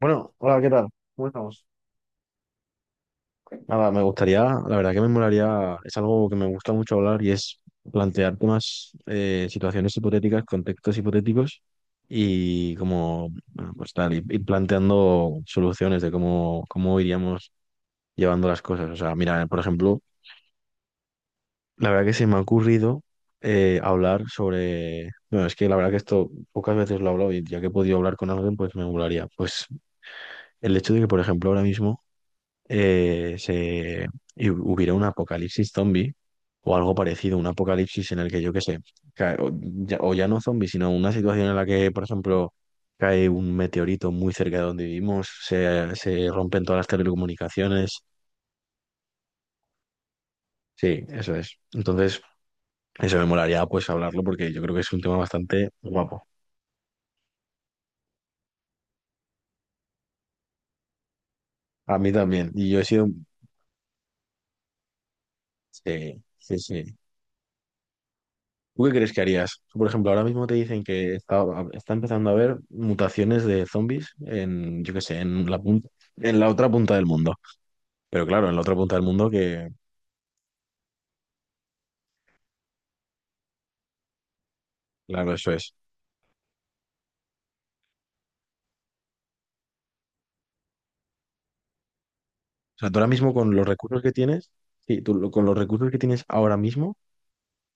Bueno, hola, ¿qué tal? ¿Cómo estamos? Nada, me gustaría, la verdad que me molaría, es algo que me gusta mucho hablar y es plantear temas, situaciones hipotéticas, contextos hipotéticos y como, bueno, pues tal, ir planteando soluciones de cómo, cómo iríamos llevando las cosas. O sea, mira, por ejemplo, la verdad que se me ha ocurrido hablar sobre, bueno, es que la verdad que esto pocas veces lo he hablado y ya que he podido hablar con alguien, pues me molaría. Pues el hecho de que, por ejemplo, ahora mismo eh, se, y hubiera un apocalipsis zombie o algo parecido, un apocalipsis en el que yo qué sé, cae- o, ya, o ya no zombie, sino una situación en la que, por ejemplo, cae un meteorito muy cerca de donde vivimos, se rompen todas las telecomunicaciones. Sí, eso es. Entonces, eso me molaría pues hablarlo porque yo creo que es un tema bastante guapo. A mí también. Y yo he sido... Sí, sí, sí. ¿Tú qué crees que harías? Por ejemplo, ahora mismo te dicen que está empezando a haber mutaciones de zombies en, yo qué sé, en la punta, en la otra punta del mundo. Pero claro, en la otra punta del mundo que, claro, eso es. O sea, tú ahora mismo con los recursos que tienes, sí, con los recursos que tienes ahora mismo,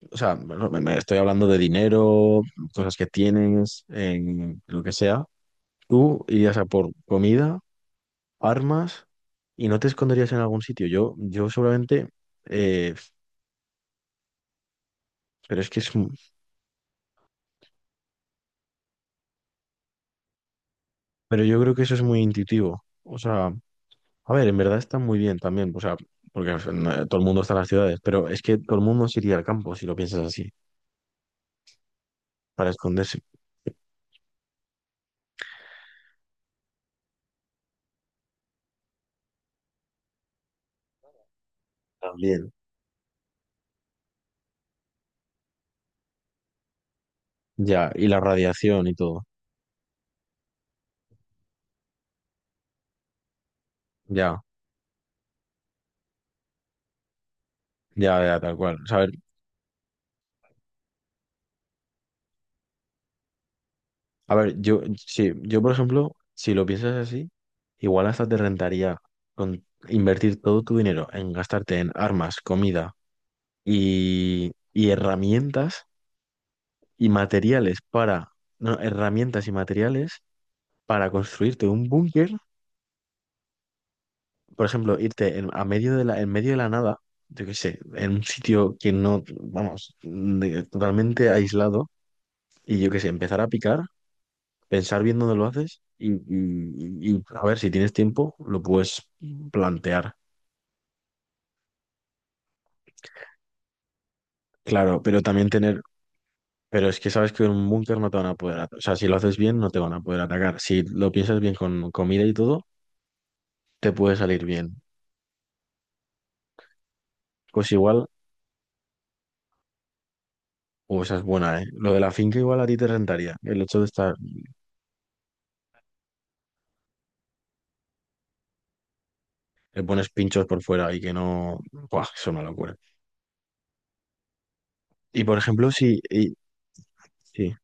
o sea, bueno, me estoy hablando de dinero, cosas que tienes, en lo que sea, tú irías a por comida, armas y no te esconderías en algún sitio. Yo seguramente, eh, pero es que es... Pero yo creo que eso es muy intuitivo. O sea, a ver, en verdad está muy bien también. O sea, porque o sea, todo el mundo está en las ciudades, pero es que todo el mundo se iría al campo, si lo piensas así, para esconderse. También. Ya, y la radiación y todo. Ya, ya, ya, tal cual. O sea, a ver, yo, sí, yo, por ejemplo, si lo piensas así, igual hasta te rentaría con invertir todo tu dinero en gastarte en armas, comida y herramientas y materiales para, no, herramientas y materiales para construirte un búnker, por ejemplo, irte en, a medio de la, en medio de la nada, yo qué sé, en un sitio que no, vamos, totalmente aislado, y yo qué sé, empezar a picar, pensar bien dónde lo haces y a ver si tienes tiempo, lo puedes plantear. Claro, pero también tener, pero es que sabes que en un búnker no te van a poder atacar, o sea, si lo haces bien no te van a poder atacar, si lo piensas bien con comida y todo, te puede salir bien. Pues igual... O esa es buena, ¿eh? Lo de la finca igual a ti te rentaría. El hecho de estar Le pones pinchos por fuera y que no. Buah, es una locura. Y por ejemplo, si. y- sí,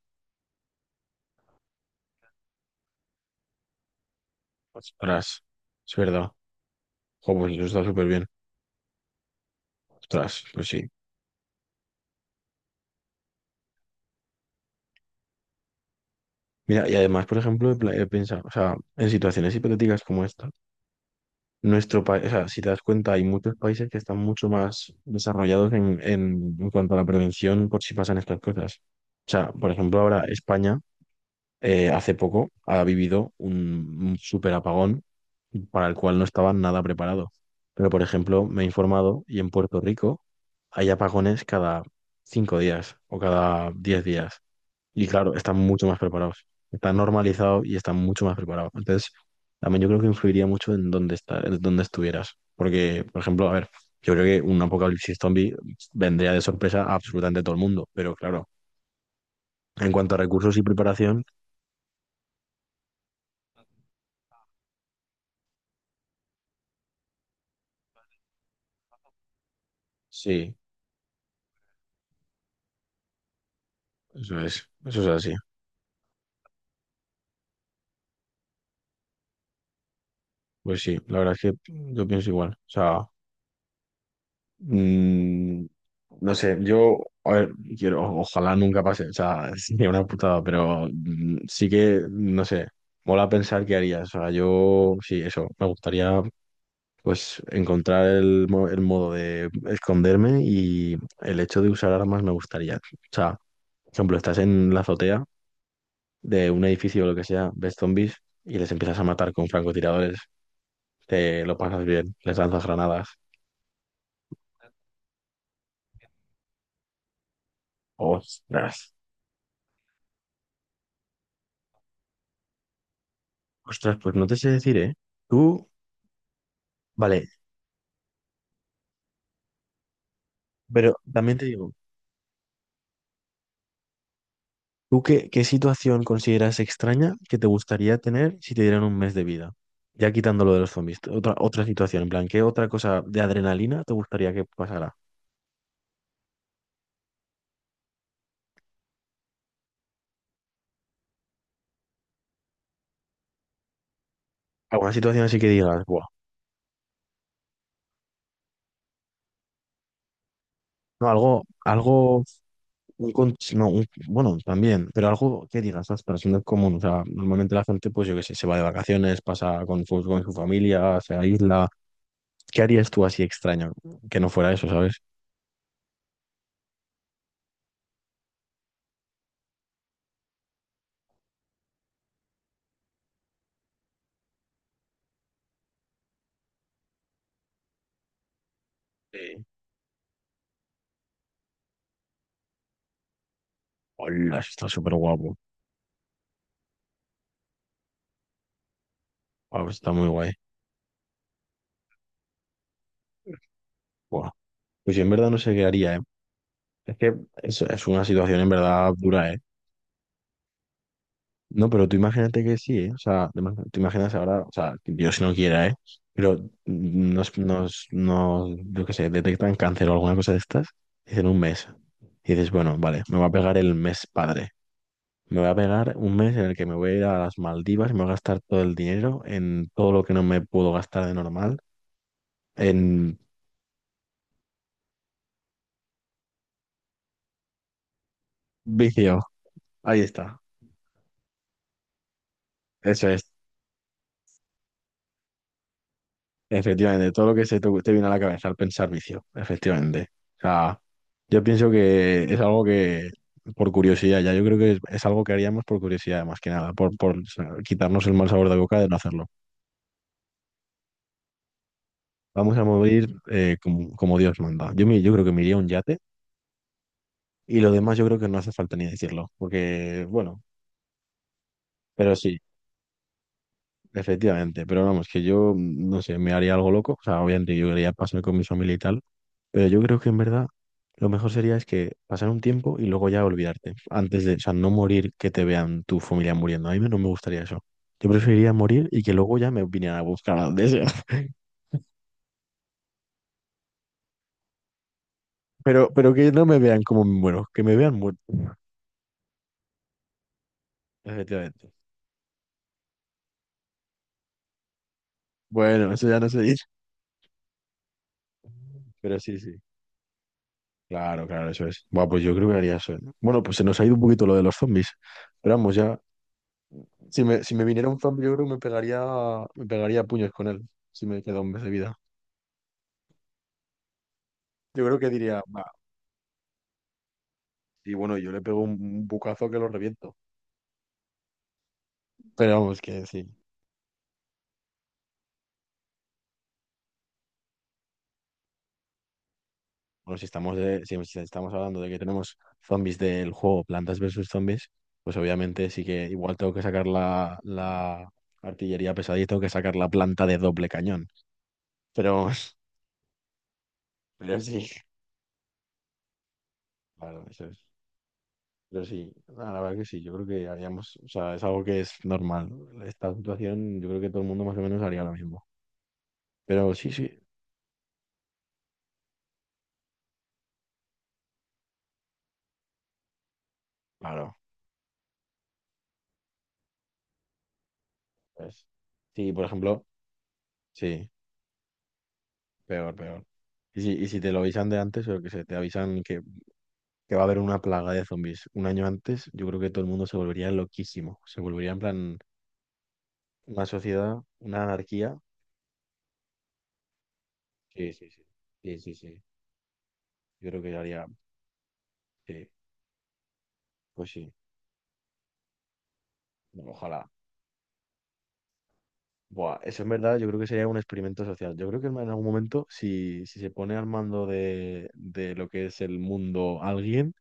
ostras, es verdad. Jo, pues eso está súper bien. Ostras, pues sí. Mira, y además, por ejemplo, he pensado, o sea, en situaciones hipotéticas como esta, nuestro país, o sea, si te das cuenta, hay muchos países que están mucho más desarrollados en cuanto a la prevención por si pasan estas cosas. O sea, por ejemplo, ahora España. Hace poco ha vivido un, super apagón para el cual no estaba nada preparado. Pero, por ejemplo, me he informado y en Puerto Rico hay apagones cada 5 días o cada 10 días. Y claro, están mucho más preparados. Está normalizado y están mucho más preparados. Entonces, también yo creo que influiría mucho en dónde está, en dónde estuvieras. Porque, por ejemplo, a ver, yo creo que un apocalipsis zombie vendría de sorpresa a absolutamente todo el mundo. Pero claro, en cuanto a recursos y preparación, sí, eso es así. Pues sí, la verdad es que yo pienso igual. O sea, mm, no sé, yo, a ver, quiero, ojalá nunca pase, o sea, sería una putada, pero mm, sí que, no sé, mola pensar qué haría. O sea, yo, sí, eso, me gustaría, pues, encontrar el, el modo de esconderme y el hecho de usar armas me gustaría. O sea, por ejemplo, estás en la azotea de un edificio o lo que sea, ves zombies y les empiezas a matar con francotiradores. Te lo pasas bien, les lanzas granadas. Ostras, ostras, pues no te sé decir, ¿eh? Tú, vale, pero también te digo, ¿tú qué, qué situación consideras extraña que te gustaría tener si te dieran un mes de vida? Ya quitando lo de los zombies, otra, otra situación, en plan, ¿qué otra cosa de adrenalina te gustaría que pasara? ¿Alguna situación así que digas, buah? No, algo, algo, un con- no, un- bueno, también, pero algo que digas, ostras, no es común. O sea, normalmente la gente, pues yo qué sé, se va de vacaciones, pasa con su familia, se aísla. ¿Qué harías tú así extraño? Que no fuera eso, ¿sabes? Eh, hola, eso está súper guapo. Wow, está muy guay. Buah. Pues yo en verdad no sé qué haría, ¿eh? Es que es una situación en verdad dura, ¿eh? No, pero tú imagínate que sí, ¿eh? O sea, tú imaginas ahora, o sea, que Dios si no quiera, ¿eh? Pero yo qué sé, detectan cáncer o alguna cosa de estas, dicen un mes. Y dices, bueno, vale, me va a pegar el mes padre. Me voy a pegar un mes en el que me voy a ir a las Maldivas y me voy a gastar todo el dinero en todo lo que no me puedo gastar de normal. En vicio. Ahí está. Eso es. Efectivamente. Todo lo que se te, te viene a la cabeza al pensar vicio. Efectivamente. O sea, yo pienso que es algo que, por curiosidad, ya yo creo que es algo que haríamos por curiosidad, más que nada, por o sea, quitarnos el mal sabor de boca de no hacerlo. Vamos a morir como, como Dios manda. Yo, yo creo que me iría a un yate. Y lo demás yo creo que no hace falta ni decirlo, porque, bueno, Pero sí, efectivamente. Pero vamos, que yo, mm, no sé, me haría algo loco. O sea, obviamente yo quería pasar con mi familia y tal. Pero yo creo que en verdad lo mejor sería es que pasar un tiempo y luego ya olvidarte. Antes de, o sea, no morir que te vean tu familia muriendo. A mí no me gustaría eso. Yo preferiría morir y que luego ya me vinieran a buscar a donde sea. Pero que no me vean como me muero, que me vean muerto. Efectivamente. Bueno, eso ya no se dice. Pero sí, sí. Claro, claro, eso es. Bueno, pues yo creo que haría eso. ¿Eh? Bueno, pues se nos ha ido un poquito lo de los zombies. Pero vamos, ya si me, si me viniera un zombie, yo creo que me pegaría a puños con él, si me queda un mes de vida. Yo creo que diría, va, y bueno, yo le pego un bucazo que lo reviento. Pero vamos, que sí. Bueno, si estamos, de, si estamos hablando de que tenemos zombies del juego Plantas versus Zombies, pues obviamente sí que igual tengo que sacar la artillería pesada y tengo que sacar la planta de doble cañón. Pero, pero sí, claro, eso es. Pero sí, la verdad que sí, yo creo que haríamos, o sea, es algo que es normal. ¿No? Esta situación, yo creo que todo el mundo más o menos haría lo mismo. Pero sí, sí, claro. Pues, sí, por ejemplo, sí, peor, peor. Y si te lo avisan de antes, o que se te avisan que va a haber una plaga de zombies un año antes, yo creo que todo el mundo se volvería loquísimo. Se volvería en plan una sociedad, una anarquía. Sí, sí, sí. Sí, sí, sí. Yo creo que haría, sí, pues sí. Ojalá. Buah, eso en verdad yo creo que sería un experimento social. Yo creo que en algún momento, si se pone al mando de lo que es el mundo alguien,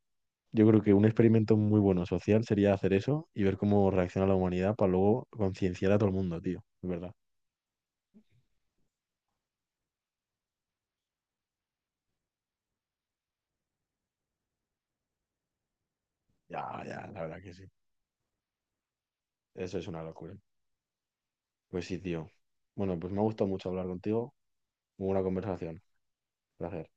yo creo que un experimento muy bueno social sería hacer eso y ver cómo reacciona la humanidad para luego concienciar a todo el mundo, tío. Es verdad. Ya, ya, la verdad que sí. Eso es una locura. Pues sí, tío. Bueno, pues me ha gustado mucho hablar contigo. Muy buena conversación. Gracias.